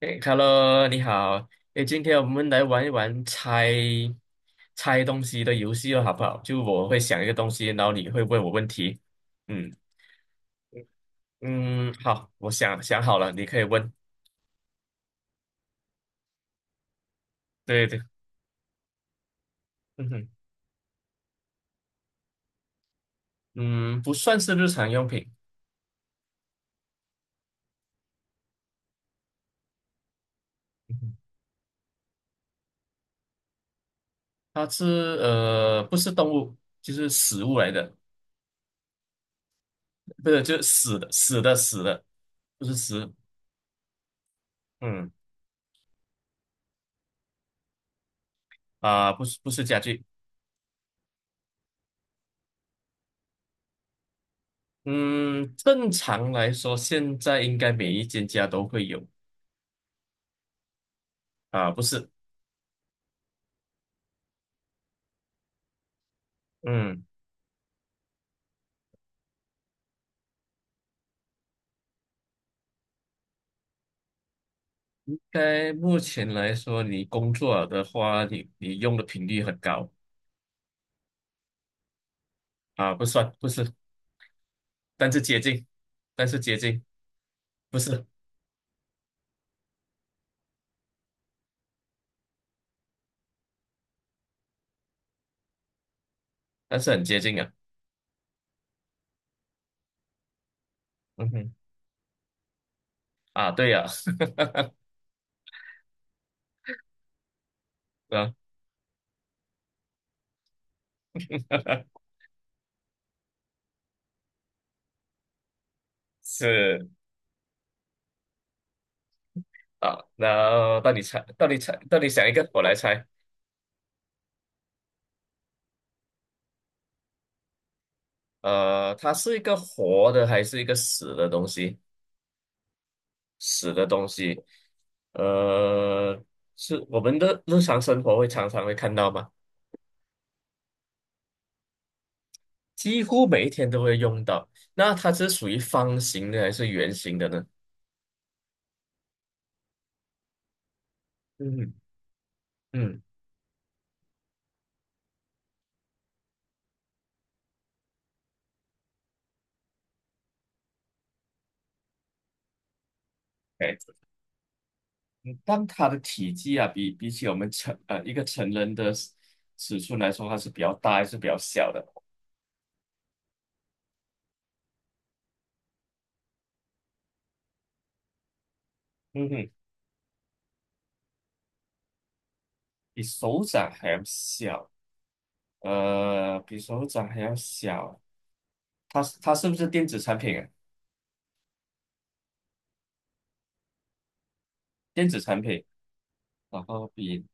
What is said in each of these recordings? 哎，Hello，你好。哎，今天我们来玩一玩猜猜东西的游戏了，好不好？就我会想一个东西，然后你会问我问题。嗯嗯，好，我想想好了，你可以问。对对。嗯哼。嗯，不算是日常用品。嗯哼，它是不是动物，就是食物来的，不是，就是死的死的死的，不是食。嗯，啊，不是不是家具。嗯，正常来说，现在应该每一间家都会有。啊，不是。嗯，在目前来说，你工作的话，你用的频率很高。啊，不算，不是。但是接近，但是接近，不是，但是很接近啊。嗯哼。啊，对呀、啊，是啊，那到你猜，到你猜，到你想一个，我来猜。它是一个活的还是一个死的东西？死的东西。呃，是我们的日常生活会常常会看到吗？几乎每一天都会用到。那它是属于方形的还是圆形的呢？嗯嗯，哎，但它的体积啊，比起我们成一个成人的尺寸来说，它是比较大还是比较小的？嗯哼，比手掌还要小。比手掌还要小。它是不是电子产品啊？电子产品，然后比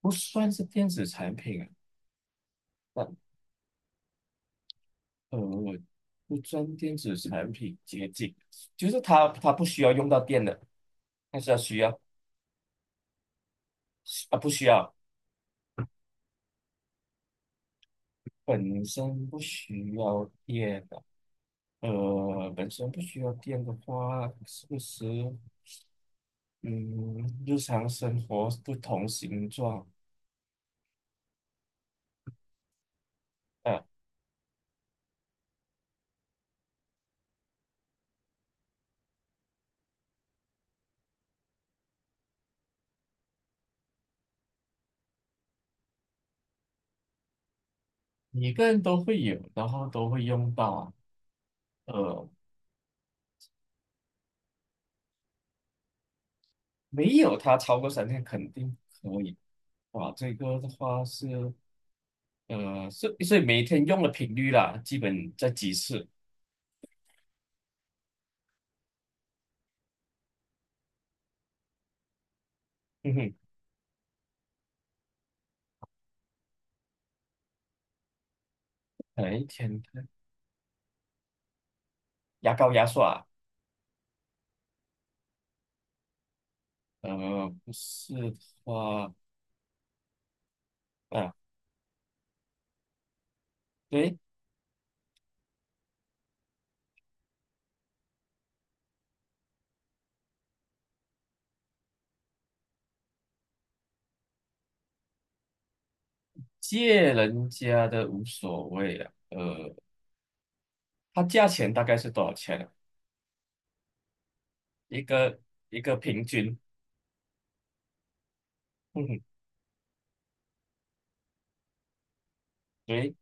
不算是电子产品啊。我不算电子产品接近，就是它不需要用到电的，但是它需要啊不需要，本身不需要电的。本身不需要电的话，是不是嗯，日常生活不同形状。呃每个人都会有，然后都会用到啊。呃，没有它超过3天肯定可以。哇，这个的话是。所以每天用的频率啦，基本在几次？嗯哼，可能一天牙膏牙刷。不是的话，啊，对，借人家的无所谓啊。它价钱大概是多少钱啊？一个一个平均，嗯哼，对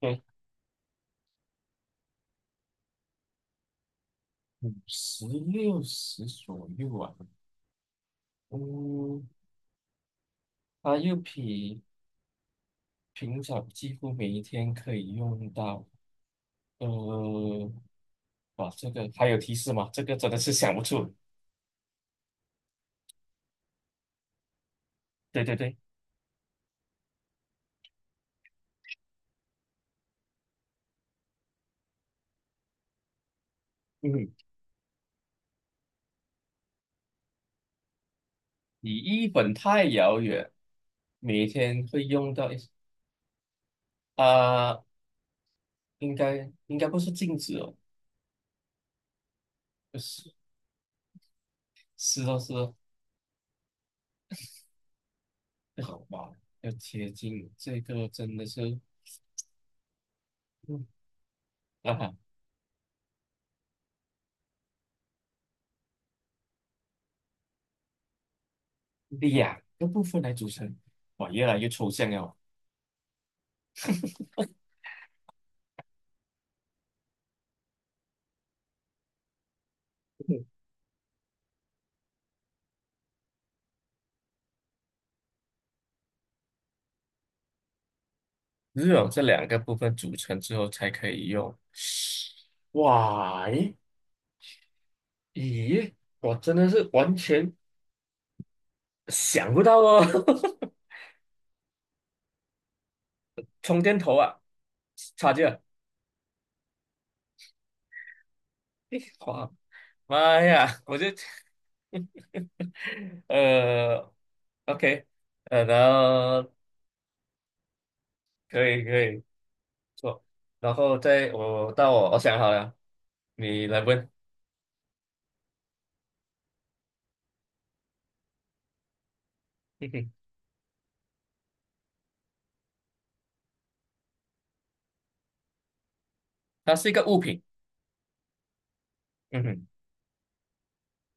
对，50、60左右啊。嗯，它又比平常几乎每一天可以用到。呃，哇，这个还有提示吗？这个真的是想不出。对对对。嗯，离一本太遥远，每天会用到一啊、应该不是镜子哦，就是是哦是哦，好吧，要贴近这个真的是。嗯，啊，两个部分来组成，哇，越来越抽象了，只有这两个部分组成之后才可以用，哇，诶咦，我真的是完全想不到哦。充电头啊，插件。哇，妈呀，我就 呃，OK。然后可以做，然后再我到我想好了，你来问。嗯哼，它是一个物品。嗯哼，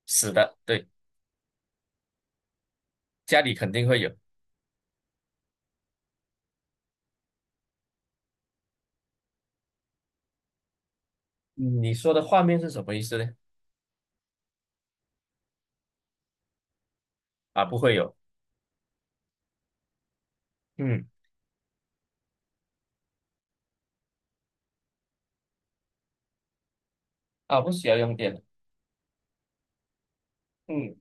死的，对，家里肯定会有。你说的画面是什么意思呢？啊，不会有。嗯，啊，不需要用电的。嗯，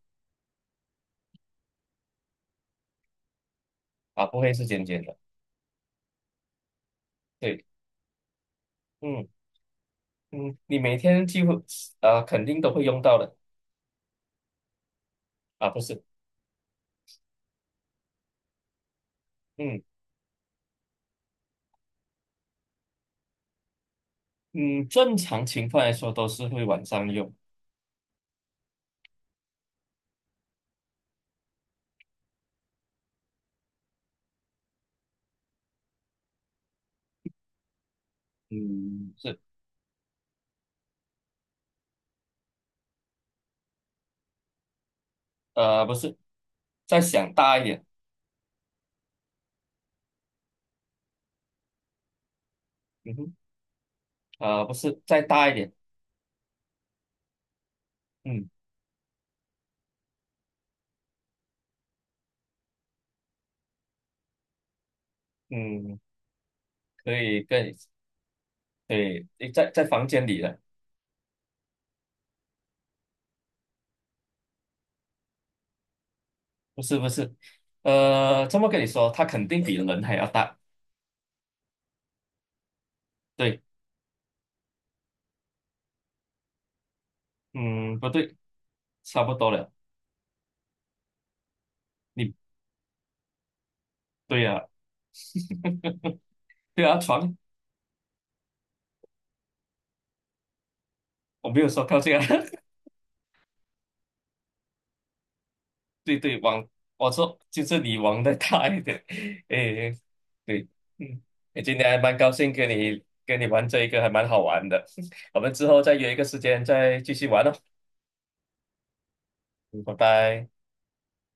啊，不会是尖尖的。对。嗯嗯，你每天几乎肯定都会用到的。啊，不是。嗯嗯，正常情况来说都是会晚上用。嗯，是。不是，再想大一点。嗯哼。不是，再大一点。嗯嗯，可以跟对，你在房间里了。不是不是。这么跟你说，它肯定比人还要大，对。嗯，不对，差不多了。你对呀、对啊，床。我没有说靠近啊。对对，网，我说就是你网的大一点。诶，对，嗯，诶今天还蛮高兴跟你玩这一个，还蛮好玩的。我们之后再约一个时间再继续玩哦。嗯拜拜。